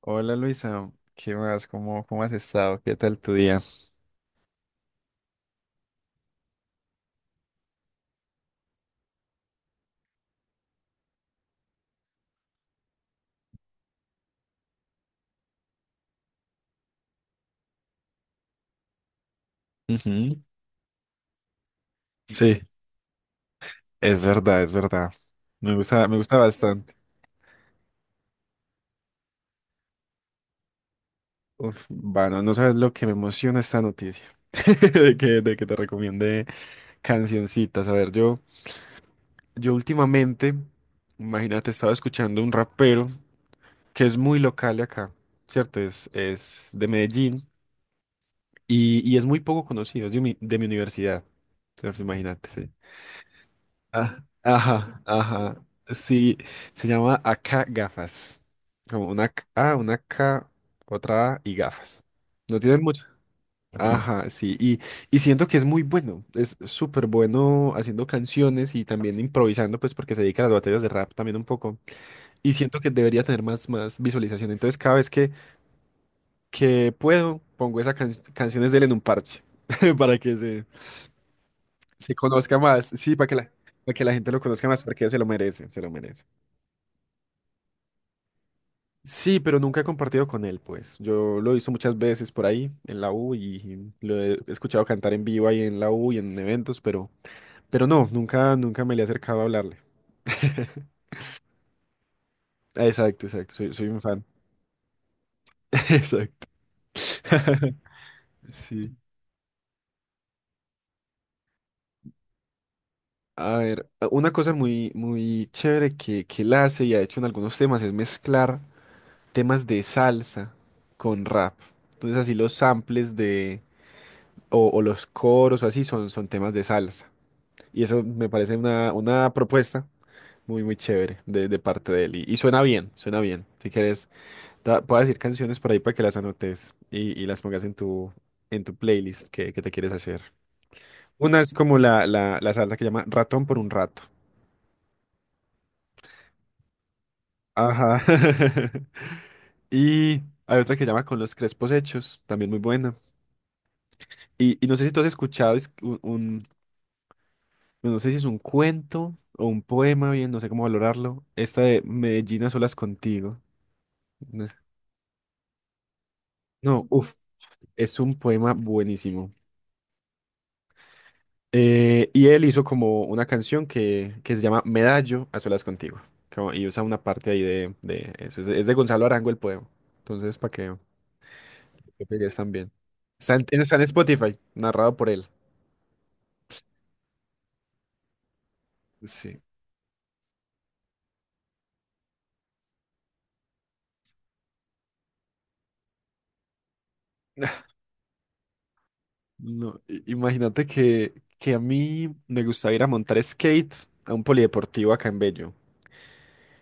Hola Luisa, ¿qué más? ¿Cómo has estado? ¿Qué tal tu día? Ujú. Sí, es verdad. Me gusta bastante. Uf, bueno, no sabes lo que me emociona esta noticia. De que te recomiende cancioncitas. A ver, yo últimamente, imagínate, estaba escuchando un rapero que es muy local de acá, ¿cierto? Es de Medellín y es muy poco conocido, es de mi universidad, ¿cierto? Imagínate, sí. Ah, ajá. Sí, se llama acá gafas. Como una K- A, una K, otra A y gafas. No tienen mucho. Ok. Ajá, sí. Y siento que es muy bueno. Es súper bueno haciendo canciones y también improvisando, pues porque se dedica a las batallas de rap también un poco. Y siento que debería tener más visualización. Entonces, cada vez que puedo, pongo esas canciones de él en un parche para que se, se conozca más. Sí, para que la gente lo conozca más, porque se lo merece, se lo merece. Sí, pero nunca he compartido con él, pues. Yo lo he visto muchas veces por ahí en la U y lo he escuchado cantar en vivo ahí en la U y en eventos, pero no, nunca me le he acercado a hablarle. Exacto, exacto, soy un fan. Exacto. Sí. A ver, una cosa muy chévere que él hace y ha hecho en algunos temas es mezclar temas de salsa con rap. Entonces así los samples o los coros o así son temas de salsa. Y eso me parece una propuesta muy chévere de parte de él. Y suena bien, suena bien. Si quieres, puedo decir canciones por ahí para que las anotes y las pongas en tu playlist que te quieres hacer. Una es como la salsa que llama Ratón por un rato. Ajá. Y hay otra que se llama Con los Crespos Hechos, también muy buena. Y no sé si tú has escuchado es no sé si es un cuento o un poema, bien, no sé cómo valorarlo. Esta de Medellín a solas contigo. No, uff, es un poema buenísimo. Y él hizo como una canción que se llama Medallo a solas contigo. Y usa una parte ahí de eso. Es de Gonzalo Arango el poema. Entonces, para que lo pegues también. Está en Spotify, narrado por él. Sí. No, imagínate que a mí me gustaba ir a montar skate a un polideportivo acá en Bello.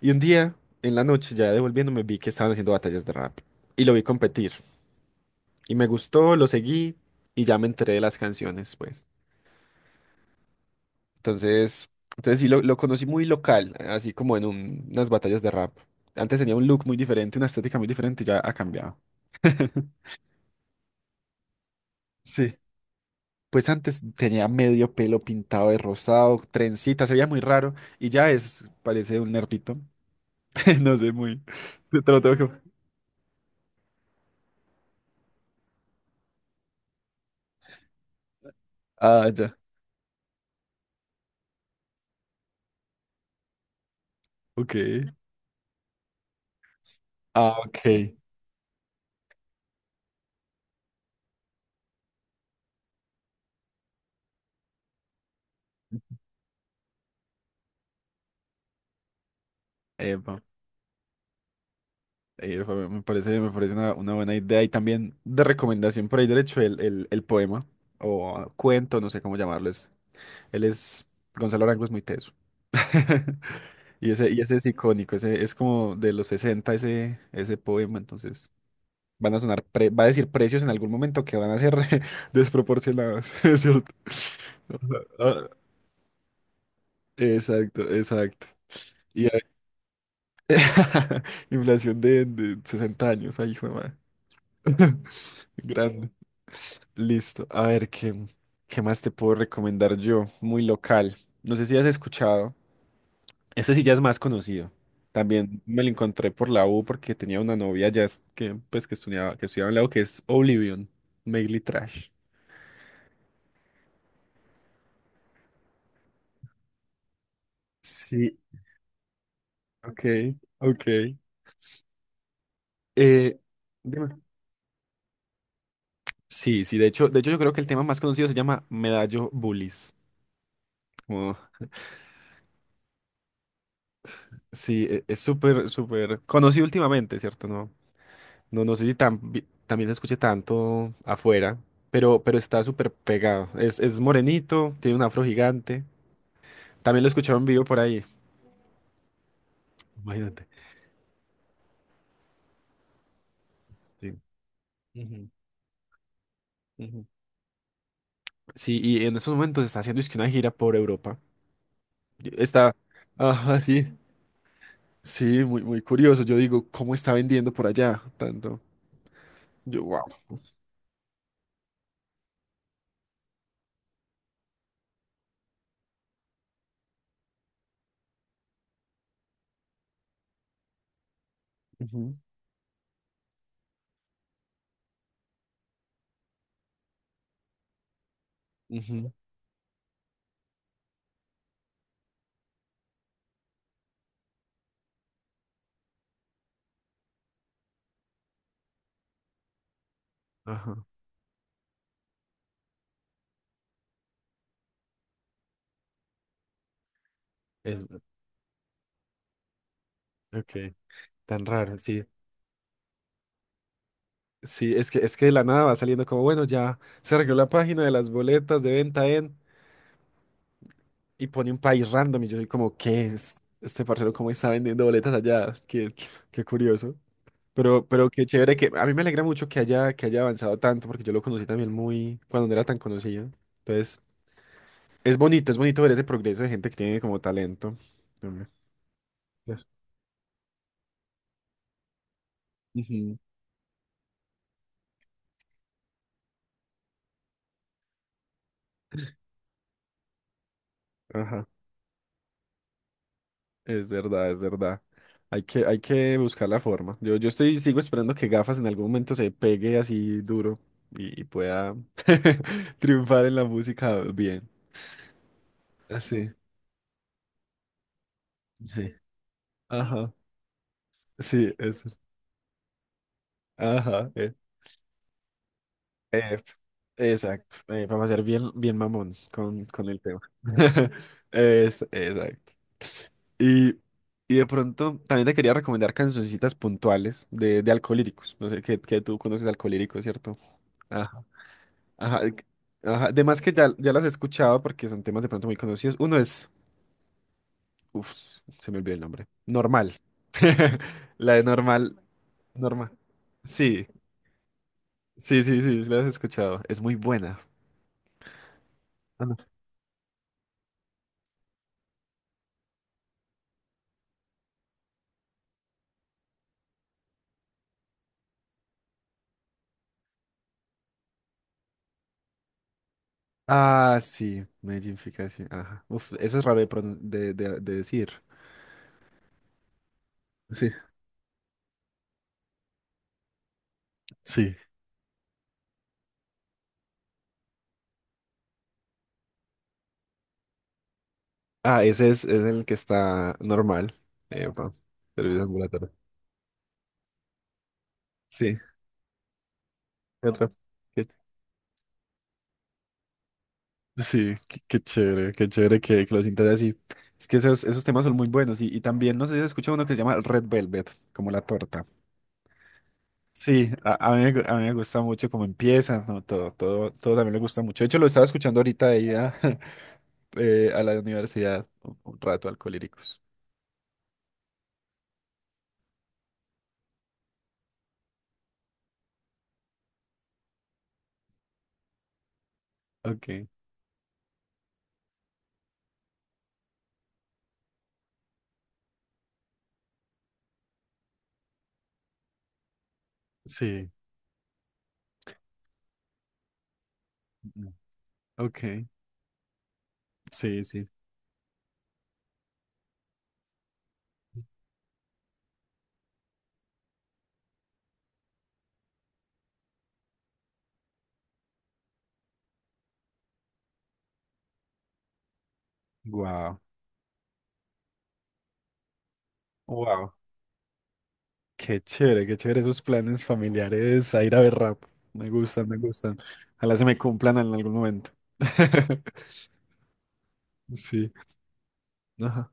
Y un día, en la noche, ya devolviéndome, vi que estaban haciendo batallas de rap. Y lo vi competir. Y me gustó, lo seguí y ya me enteré de las canciones, pues. Entonces, entonces sí, lo conocí muy local, así como en unas batallas de rap. Antes tenía un look muy diferente, una estética muy diferente, y ya ha cambiado. Sí. Pues antes tenía medio pelo pintado de rosado, trencita, se veía muy raro y ya es, parece un nerdito. No sé, muy. Te lo tengo que. Ah, ya. Ok. Ah, ok. Epa. Me parece una buena idea y también de recomendación por ahí derecho el poema o cuento, no sé cómo llamarlo. Es, él es, Gonzalo Arango es muy teso. Y ese es icónico, ese es como de los 60 ese, ese poema, entonces van a sonar, va a decir precios en algún momento que van a ser desproporcionados, ¿es cierto? Ah, exacto, exacto. Y a- inflación de 60 años, ahí hijo de madre. Grande. Listo. A ver, ¿qué, qué más te puedo recomendar yo? Muy local. No sé si has escuchado. Ese sí ya es más conocido. También me lo encontré por la U porque tenía una novia ya que estudiaba en la U, que es Oblivion, Mainly Trash. Sí, ok, ok. Eh, dime. Sí, sí, de hecho yo creo que el tema más conocido se llama Medallo Bullies. Como- sí, es súper, súper conocido últimamente, ¿cierto? No, no, no sé si tan, también se escuche tanto afuera, pero está súper pegado. Es morenito, tiene un afro gigante. También lo escuchaba en vivo por ahí, imagínate. Sí. Ujú, ujú. Sí, y en esos momentos está haciendo es que una gira por Europa. Yo- Está, ajá, sí, sí, muy, muy curioso. Yo digo, ¿cómo está vendiendo por allá tanto? Yo, wow. Ujú, ujú, ajá. Es, ok, tan raro, sí. Sí, es que de la nada va saliendo como, bueno, ya se arregló la página de las boletas de venta en y pone un país random y yo soy como, ¿qué es este parcero? ¿Cómo está vendiendo boletas allá? Qué, qué curioso. Pero qué chévere que a mí me alegra mucho que haya avanzado tanto porque yo lo conocí también muy cuando no era tan conocido. Entonces, es bonito ver ese progreso de gente que tiene como talento. Hombre. Yes. Ujú. Ajá. Es verdad, es verdad. Hay que buscar la forma. Yo estoy, sigo esperando que gafas en algún momento se pegue así duro y pueda triunfar en la música bien. Sí, sí. Ajá, sí, eso. Es. Ajá, eh, exacto. Vamos a ser bien, bien mamón con el tema. Es, exacto. Y, y de pronto también te quería recomendar cancioncitas puntuales de alcoholíricos. No sé, que tú conoces Alcolíricos, ¿cierto? Ajá, ajá, además que ya las he escuchado porque son temas de pronto muy conocidos. Uno es, uff, se me olvidó el nombre. Normal. La de normal, normal. Sí, sí, sí, sí, sí, las has escuchado. Es muy buena. Ah, no. Ah, sí, Medellín Fica, sí, ajá. Uf, eso es raro de, de decir. Sí. Sí. Ah, ese es el que está normal. Epa, servicio ambulatorio. Sí. ¿Qué otra? Sí, qué, qué chévere que lo sientas así. Es que esos, esos temas son muy buenos. Y también, no sé si has escuchado uno que se llama Red Velvet, como la torta. Sí, a mí, a mí me gusta mucho cómo empieza, ¿no? Todo, todo, todo también me gusta mucho. De hecho, lo estaba escuchando ahorita de ida a la universidad, un rato, Alcolíricos. Ok, sí. Mm, ok, sí, sí. Wow. Qué chévere esos planes familiares a ir a ver rap. Me gustan, me gustan. Ojalá se me cumplan en algún momento. Sí. Ajá.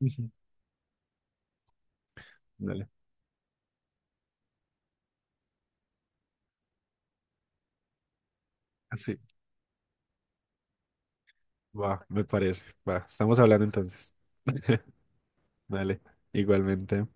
Ujú. Dale. Sí. Va, me parece. Va, estamos hablando entonces. Dale, igualmente.